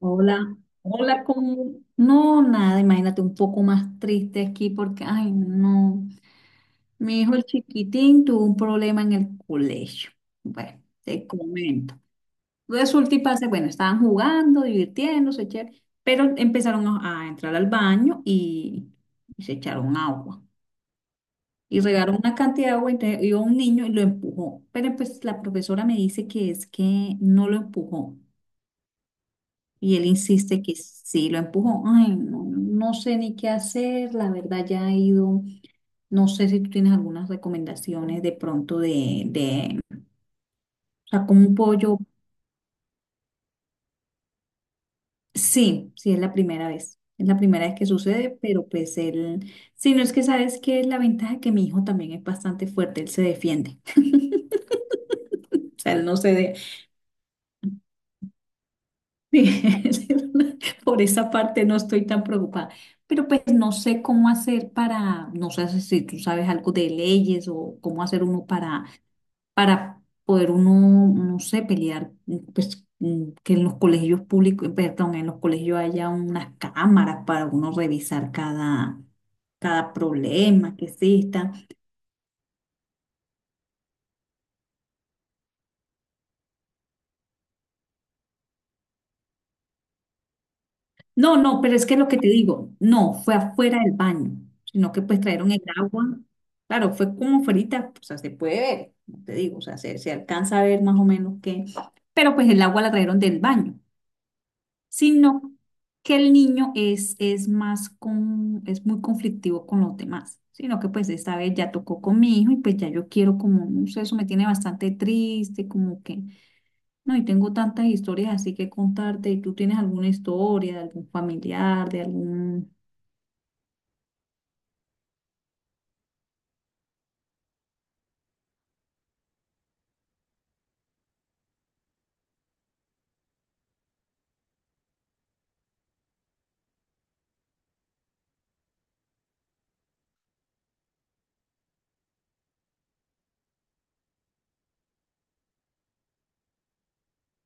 Hola, hola, no, nada, imagínate un poco más triste aquí porque, ay, no, mi hijo el chiquitín tuvo un problema en el colegio. Bueno, te comento. Resulta y pasa, bueno, estaban jugando, divirtiéndose, chévere, pero empezaron a entrar al baño y se echaron agua. Y regaron una cantidad de agua, entonces iba un niño y lo empujó. Pero pues la profesora me dice que es que no lo empujó. Y él insiste que sí, lo empujó. Ay, no, no sé ni qué hacer, la verdad ya he ido, no sé si tú tienes algunas recomendaciones de pronto o sea, como un pollo. Sí, sí, es la primera vez, es la primera vez que sucede, pero pues él, sí, no, es que sabes que la ventaja que mi hijo también es bastante fuerte, él se defiende, o sea, él no se deja. Sí, por esa parte no estoy tan preocupada. Pero pues no sé cómo hacer para, no sé si tú sabes algo de leyes o cómo hacer uno para poder uno, no sé, pelear, pues que en los colegios públicos, perdón, en los colegios haya unas cámaras para uno revisar cada problema que exista. No, no, pero es que lo que te digo, no, fue afuera del baño, sino que pues trajeron el agua. Claro, fue como fuerita, o sea, se puede ver, como te digo, o sea, se alcanza a ver más o menos que, pero pues el agua la trajeron del baño, sino que el niño es muy conflictivo con los demás, sino que pues esta vez ya tocó con mi hijo y pues ya yo quiero como, no sé, eso me tiene bastante triste, como que no, y tengo tantas historias así que contarte. ¿Y tú tienes alguna historia de algún familiar, de algún...?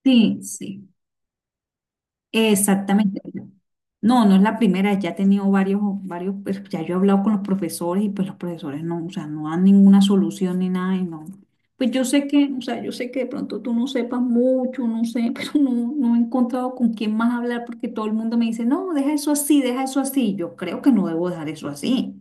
Sí, sí, exactamente. No, no es la primera, ya he tenido varios, varios, pues, ya yo he hablado con los profesores y pues los profesores no, o sea, no dan ninguna solución ni nada y no. Pues yo sé que, o sea, yo sé que de pronto tú no sepas mucho, no sé, pero no, no he encontrado con quién más hablar porque todo el mundo me dice, no, deja eso así, deja eso así. Yo creo que no debo dejar eso así.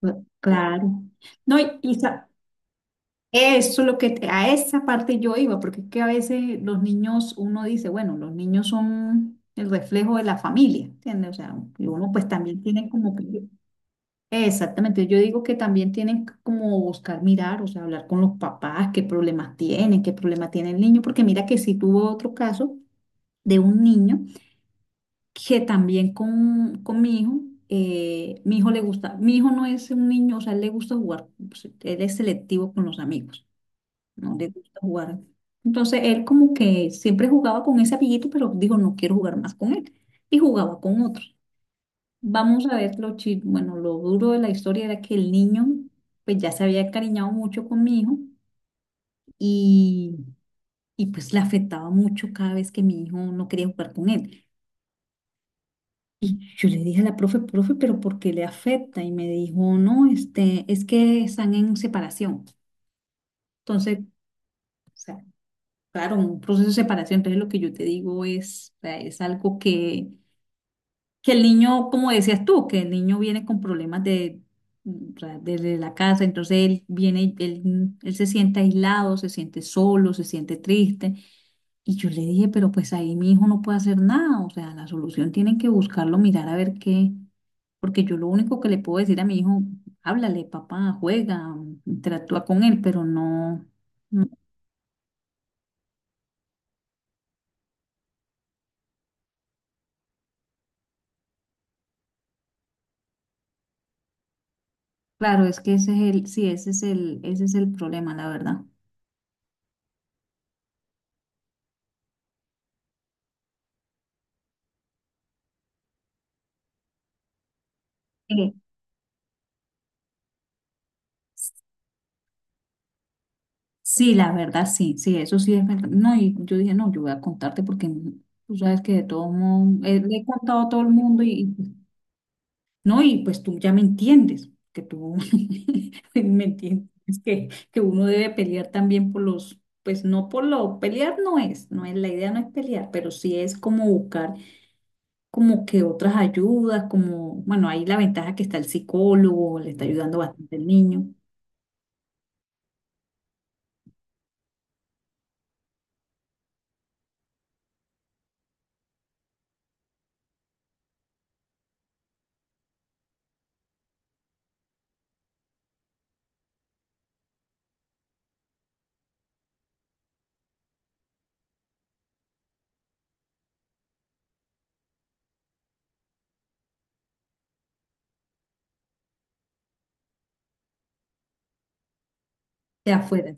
Claro. No, eso es lo que a esa parte yo iba, porque es que a veces los niños, uno dice, bueno, los niños son el reflejo de la familia, ¿entiendes? O sea, y uno pues también tiene como que, exactamente, yo digo que también tienen como buscar mirar, o sea, hablar con los papás, qué problemas tienen, qué problema tiene el niño, porque mira que sí tuvo otro caso de un niño que también con mi hijo le gusta, mi hijo no es un niño, o sea, él le gusta jugar, pues, él es selectivo con los amigos, no le gusta jugar. Entonces él como que siempre jugaba con ese amiguito, pero dijo, no quiero jugar más con él. Y jugaba con otro. Vamos a ver lo bueno, lo duro de la historia era que el niño pues ya se había encariñado mucho con mi hijo y, y pues le afectaba mucho cada vez que mi hijo no quería jugar con él. Y yo le dije a la profe, profe, pero ¿por qué le afecta? Y me dijo, no, este, es que están en separación. Entonces, claro, un proceso de separación, entonces lo que yo te digo es, o sea, es algo que el niño, como decías tú, que el niño viene con problemas de, o sea, desde la casa, entonces él viene, él se siente aislado, se siente solo, se siente triste. Y yo le dije, pero pues ahí mi hijo no puede hacer nada, o sea, la solución tienen que buscarlo, mirar a ver qué, porque yo lo único que le puedo decir a mi hijo, háblale, papá, juega, interactúa con él, pero no. No. Claro, es que ese es el, sí, ese es el problema, la verdad. Eh, sí, la verdad, sí, sí, eso sí es verdad. No, y yo dije, no, yo voy a contarte porque tú sabes que de todo mundo, le he contado a todo el mundo no, y pues tú ya me entiendes, que tú me entiendes, que uno debe pelear también por los, pues no por lo, pelear no es, la idea no es pelear, pero sí es como buscar como que otras ayudas, como, bueno, ahí la ventaja que está el psicólogo, le está ayudando bastante el niño. De afuera.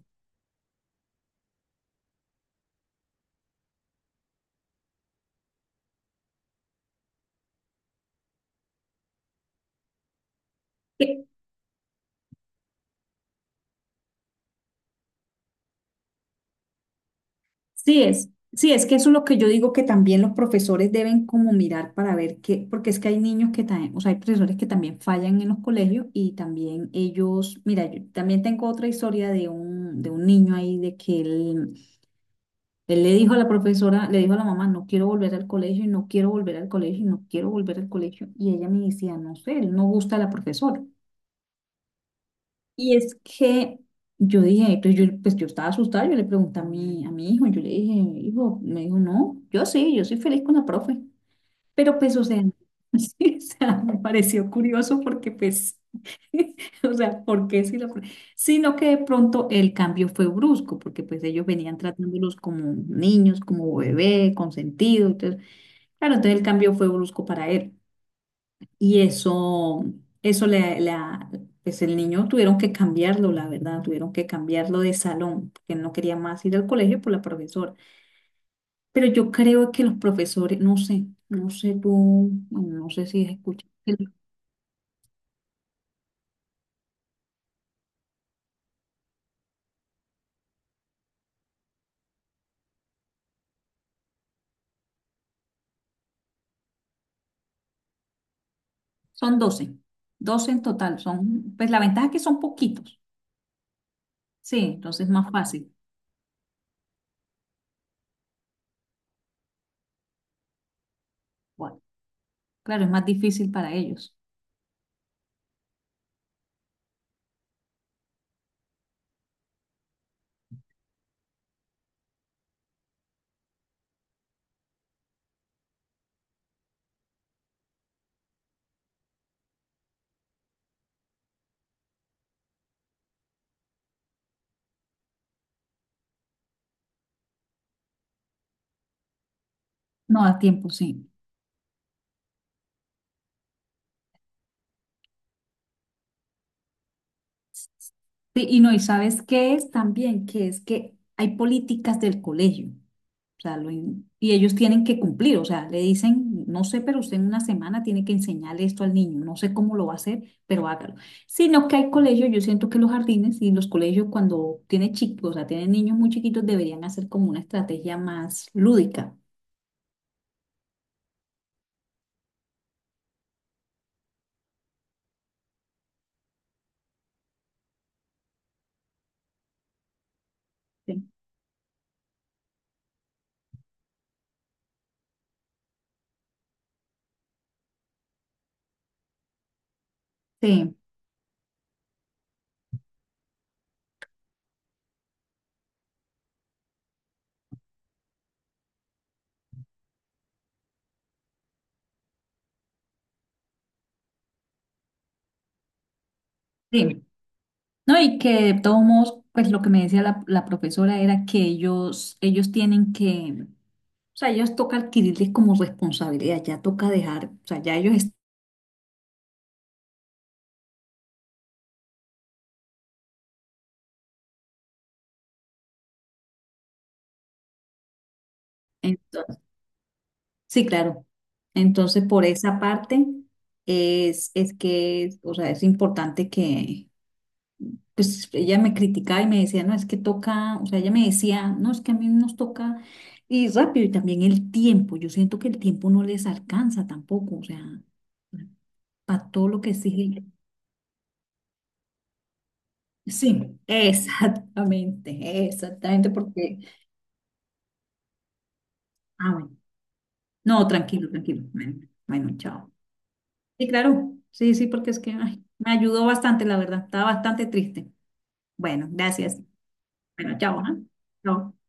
Que- sí es que eso es lo que yo digo, que también los profesores deben como mirar para ver qué, porque es que hay niños que también, o sea, hay profesores que también fallan en los colegios y también ellos, mira, yo también tengo otra historia de un, niño ahí de que él le dijo a la profesora, le dijo a la mamá, no quiero volver al colegio y no quiero volver al colegio y no quiero volver al colegio y ella me decía, no sé, él no gusta a la profesora. Y es que yo dije, pues yo estaba asustada, yo le pregunté a mi hijo, yo le dije, hijo, me dijo, no, yo sí, yo soy feliz con la profe. Pero pues, o sea, sí, o sea, me pareció curioso porque pues, o sea, ¿por qué si la profe? Sino que de pronto el cambio fue brusco, porque pues ellos venían tratándolos como niños, como bebé, consentido, entonces, claro, entonces el cambio fue brusco para él. Y eso pues el niño tuvieron que cambiarlo, la verdad, tuvieron que cambiarlo de salón, porque él no quería más ir al colegio por la profesora. Pero yo creo que los profesores, no sé, no sé tú, bueno, no sé si escuchas, son doce en total, son, pues la ventaja es que son poquitos, sí, entonces es más fácil. Bueno, claro, es más difícil para ellos. No da tiempo, sí. Sí, y no, ¿y sabes qué es también? Que es que hay políticas del colegio. O sea, y ellos tienen que cumplir, o sea, le dicen, no sé, pero usted en una semana tiene que enseñarle esto al niño, no sé cómo lo va a hacer, pero hágalo. Sino que hay colegios, yo siento que los jardines y los colegios cuando tienen chicos, o sea, tienen niños muy chiquitos, deberían hacer como una estrategia más lúdica. Sí, sí. Sí. No, y que de todos modos, pues lo que me decía la profesora era que ellos, tienen que, o sea, ellos toca adquirirles como responsabilidad, ya toca dejar, o sea, ya ellos están. Sí, claro. Entonces, por esa parte es que, o sea, es importante que, pues ella me criticaba y me decía, no, es que toca, o sea, ella me decía, no, es que a mí nos toca y rápido y también el tiempo. Yo siento que el tiempo no les alcanza tampoco, o sea, para todo lo que exige. Sí, exactamente, exactamente, porque, ah, bueno, no, tranquilo, tranquilo. Bueno, bueno, chao. Sí, claro. Sí, sí, porque es que ay, me ayudó bastante, la verdad. Estaba bastante triste. Bueno, gracias. Bueno, chao, ¿ah? Chao.